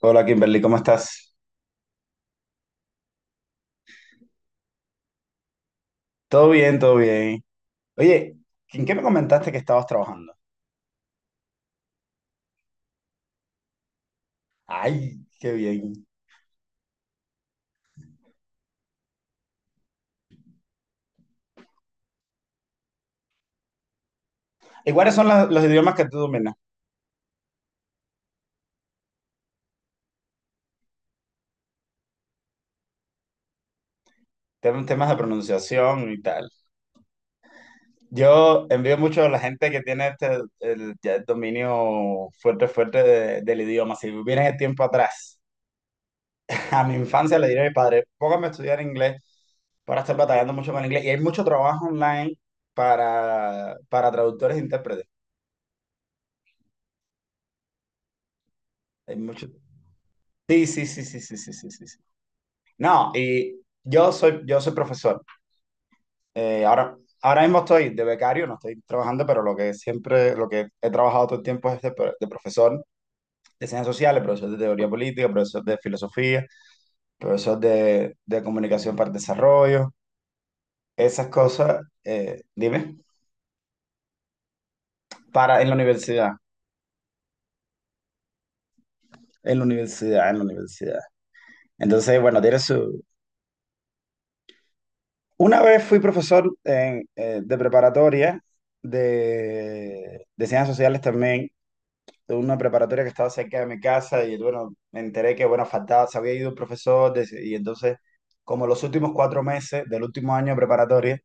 Hola Kimberly, ¿cómo estás? Todo bien, todo bien. Oye, ¿en qué me comentaste que estabas trabajando? Ay, qué bien. ¿Y cuáles son los idiomas que tú dominas? Temas de pronunciación y tal. Yo envío mucho a la gente que tiene este el, ya el dominio fuerte, fuerte del idioma. Si vienen el tiempo atrás, a mi infancia le diré a mi padre, póngame a estudiar inglés para estar batallando mucho con el inglés. Y hay mucho trabajo online para traductores e intérpretes. Hay mucho. Sí, sí, sí, sí, sí, sí, sí, sí, sí. No, y yo soy profesor. Ahora ahora mismo estoy de becario, no estoy trabajando, pero lo que siempre, lo que he trabajado todo el tiempo es de, de profesor de ciencias sociales, profesor de teoría política, profesor de filosofía, profesor de comunicación para el desarrollo, esas cosas, dime, para en la universidad, en la universidad, en la universidad. Entonces, bueno, tiene su... Una vez fui profesor en, de preparatoria de ciencias sociales también de una preparatoria que estaba cerca de mi casa y bueno, me enteré que bueno, faltaba, se había ido un y entonces como los últimos cuatro meses del último año de preparatoria,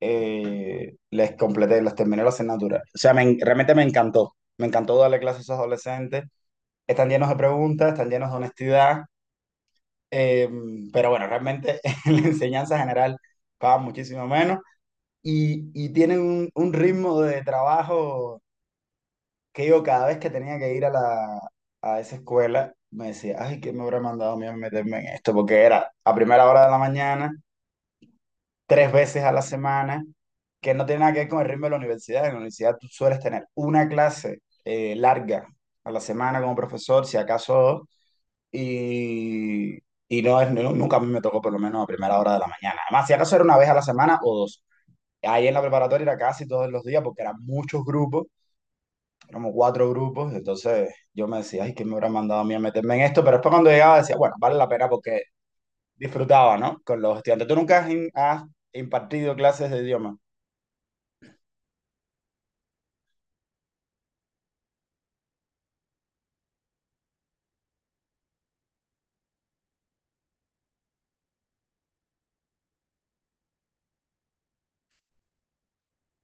les completé, les terminé la asignatura. O sea, realmente me encantó darle clases a esos adolescentes. Están llenos de preguntas, están llenos de honestidad, eh, pero bueno, realmente en la enseñanza general pagan muchísimo menos y tienen un ritmo de trabajo que yo cada vez que tenía que ir a la, a esa escuela, me decía, ay, ¿qué me habrá mandado a mí a meterme en esto? Porque era a primera hora de la mañana, tres veces a la semana, que no tiene nada que ver con el ritmo de la universidad. En la universidad tú sueles tener una clase larga a la semana como profesor, si acaso dos, y, y no es, no- nunca a mí me tocó por lo menos a primera hora de la mañana. Además, si acaso era una vez a la semana o dos. Ahí en la preparatoria era casi todos los días porque eran muchos grupos, éramos cuatro grupos, entonces yo me decía, ay, ¿quién me habrá mandado a mí a meterme en esto? Pero después cuando llegaba decía, bueno, vale la pena porque disfrutaba, ¿no? Con los estudiantes. ¿Tú nunca has impartido clases de idioma?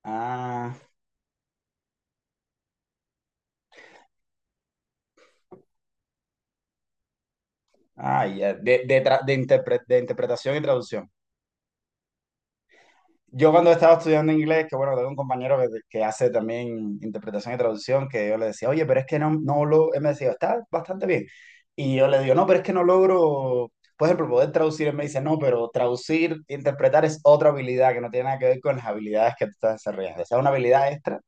Ah, ah, ya. De, de interpretación y traducción. Yo cuando estaba estudiando inglés, que bueno, tengo un compañero que hace también interpretación y traducción, que yo le decía, oye, pero es que no, no lo, él me decía, está bastante bien. Y yo le digo, no, pero es que no logro, por ejemplo, poder traducir. Él me dice, no, pero traducir, interpretar es otra habilidad que no tiene nada que ver con las habilidades que tú estás desarrollando. O sea, una habilidad extra.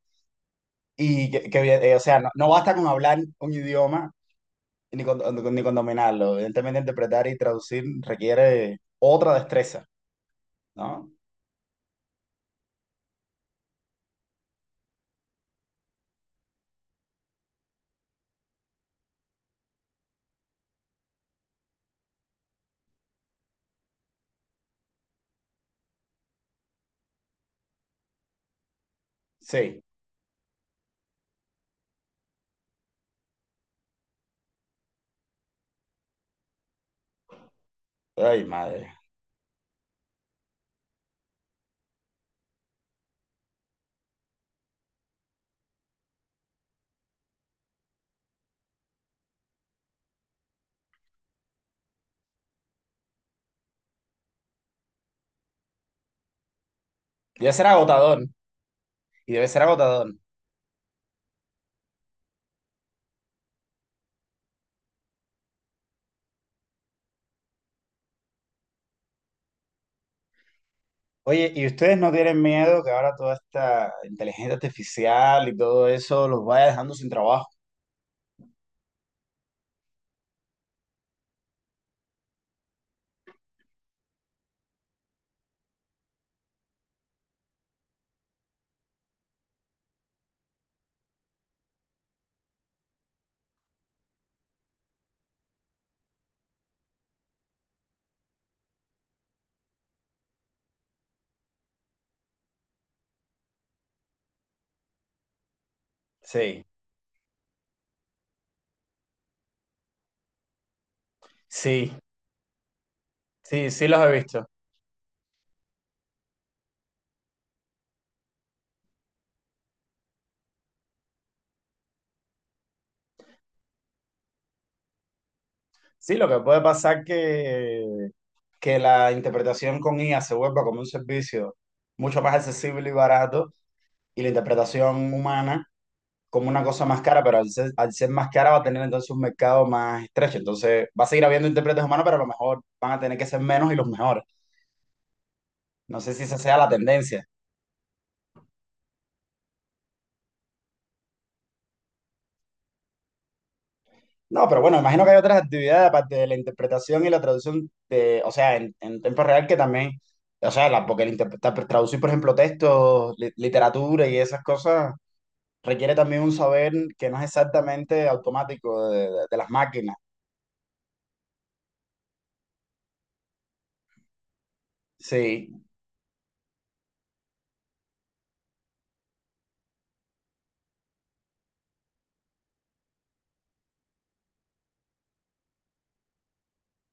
Y o sea, no, no basta con hablar un idioma ni con, ni con dominarlo. Evidentemente, interpretar y traducir requiere otra destreza, ¿no? Sí. Ay, madre. Debe ser agotador debe ser agotador. Oye, ¿y ustedes no tienen miedo que ahora toda esta inteligencia artificial y todo eso los vaya dejando sin trabajo? Sí, sí, sí, sí los he visto. Sí, lo que puede pasar que la interpretación con IA se vuelva como un servicio mucho más accesible y barato y la interpretación humana como una cosa más cara, pero al ser más cara va a tener entonces un mercado más estrecho. Entonces va a seguir habiendo intérpretes humanos, pero a lo mejor van a tener que ser menos y los mejores. No sé si esa sea la tendencia. No, pero bueno, imagino que hay otras actividades aparte de la interpretación y la traducción, de, o sea, en tiempo real que también, o sea, porque el interpretar, traducir, por ejemplo, textos, literatura y esas cosas, requiere también un saber que no es exactamente automático de, de las máquinas. Sí.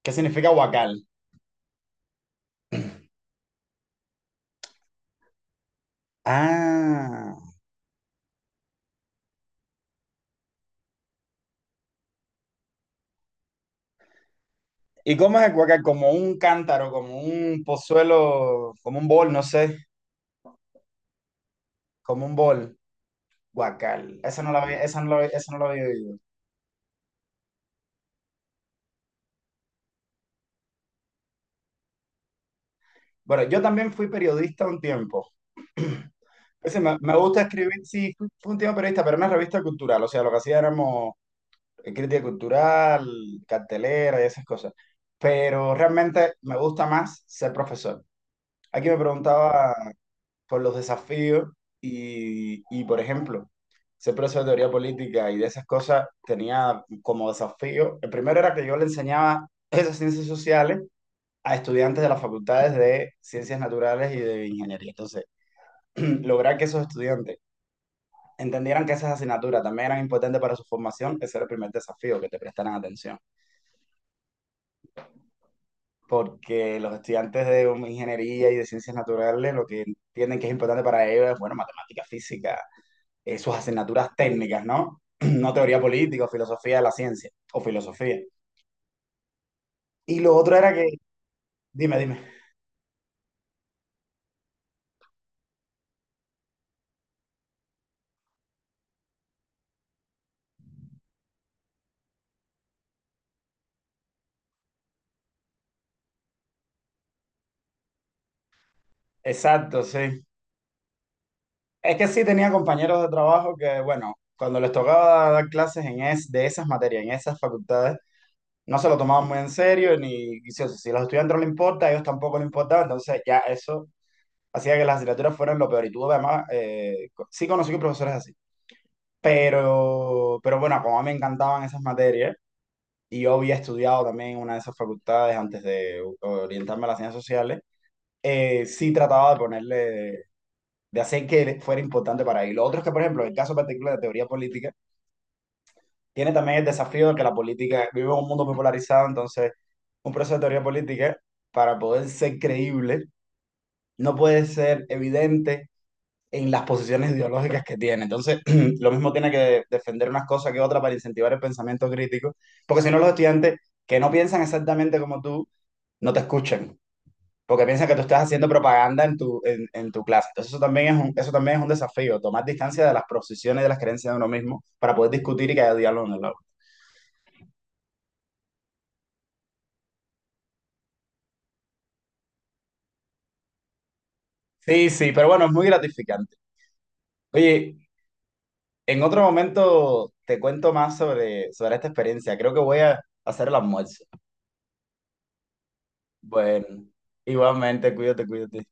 ¿Qué significa huacal? Ah. ¿Y cómo es el huacal? Como un cántaro, como un pozuelo, como un bol, no sé, como un bol. Huacal. Esa no la había oído. Bueno, yo también fui periodista un tiempo. Ese me gusta escribir, sí, fui un tiempo periodista, pero en una revista cultural, o sea, lo que hacía éramos crítica cultural, cartelera y esas cosas. Pero realmente me gusta más ser profesor. Aquí me preguntaba por los desafíos y, por ejemplo, ser profesor de teoría política y de esas cosas tenía como desafío, el primero era que yo le enseñaba esas ciencias sociales a estudiantes de las facultades de ciencias naturales y de ingeniería. Entonces, lograr que esos estudiantes entendieran que esas asignaturas también eran importantes para su formación, ese era el primer desafío, que te prestaran atención. Porque los estudiantes de ingeniería y de ciencias naturales lo que entienden que es importante para ellos es, bueno, matemática, física, sus asignaturas técnicas, ¿no? No teoría política o filosofía de la ciencia, o filosofía. Y lo otro era que, dime, dime. Exacto, sí. Es que sí tenía compañeros de trabajo que, bueno, cuando les tocaba dar clases de esas materias, en esas facultades, no se lo tomaban muy en serio, ni y si, si a los estudiantes no les importa, a ellos tampoco les importaba, entonces ya eso hacía que las asignaturas fueran lo peor. Y tuve además, sí conocí que profesores así, pero bueno, como a mí me encantaban esas materias, y yo había estudiado también en una de esas facultades antes de orientarme a las ciencias sociales, sí trataba de ponerle de hacer que fuera importante para él. Lo otro es que, por ejemplo, en el caso particular de teoría política, tiene también el desafío de que la política vive en un mundo muy polarizado, entonces un proceso de teoría política, para poder ser creíble, no puede ser evidente en las posiciones ideológicas que tiene. Entonces, lo mismo tiene que defender unas cosas que otras para incentivar el pensamiento crítico, porque si no los estudiantes que no piensan exactamente como tú, no te escuchan porque piensan que tú estás haciendo propaganda en tu clase. Entonces eso también es un, eso también es un desafío, tomar distancia de las posiciones y de las creencias de uno mismo para poder discutir y que haya diálogo en el aula. Sí, sí, pero bueno, es muy gratificante. Oye, en otro momento te cuento más sobre, sobre esta experiencia. Creo que voy a hacer el almuerzo. Bueno, igualmente, cuídate, cuídate.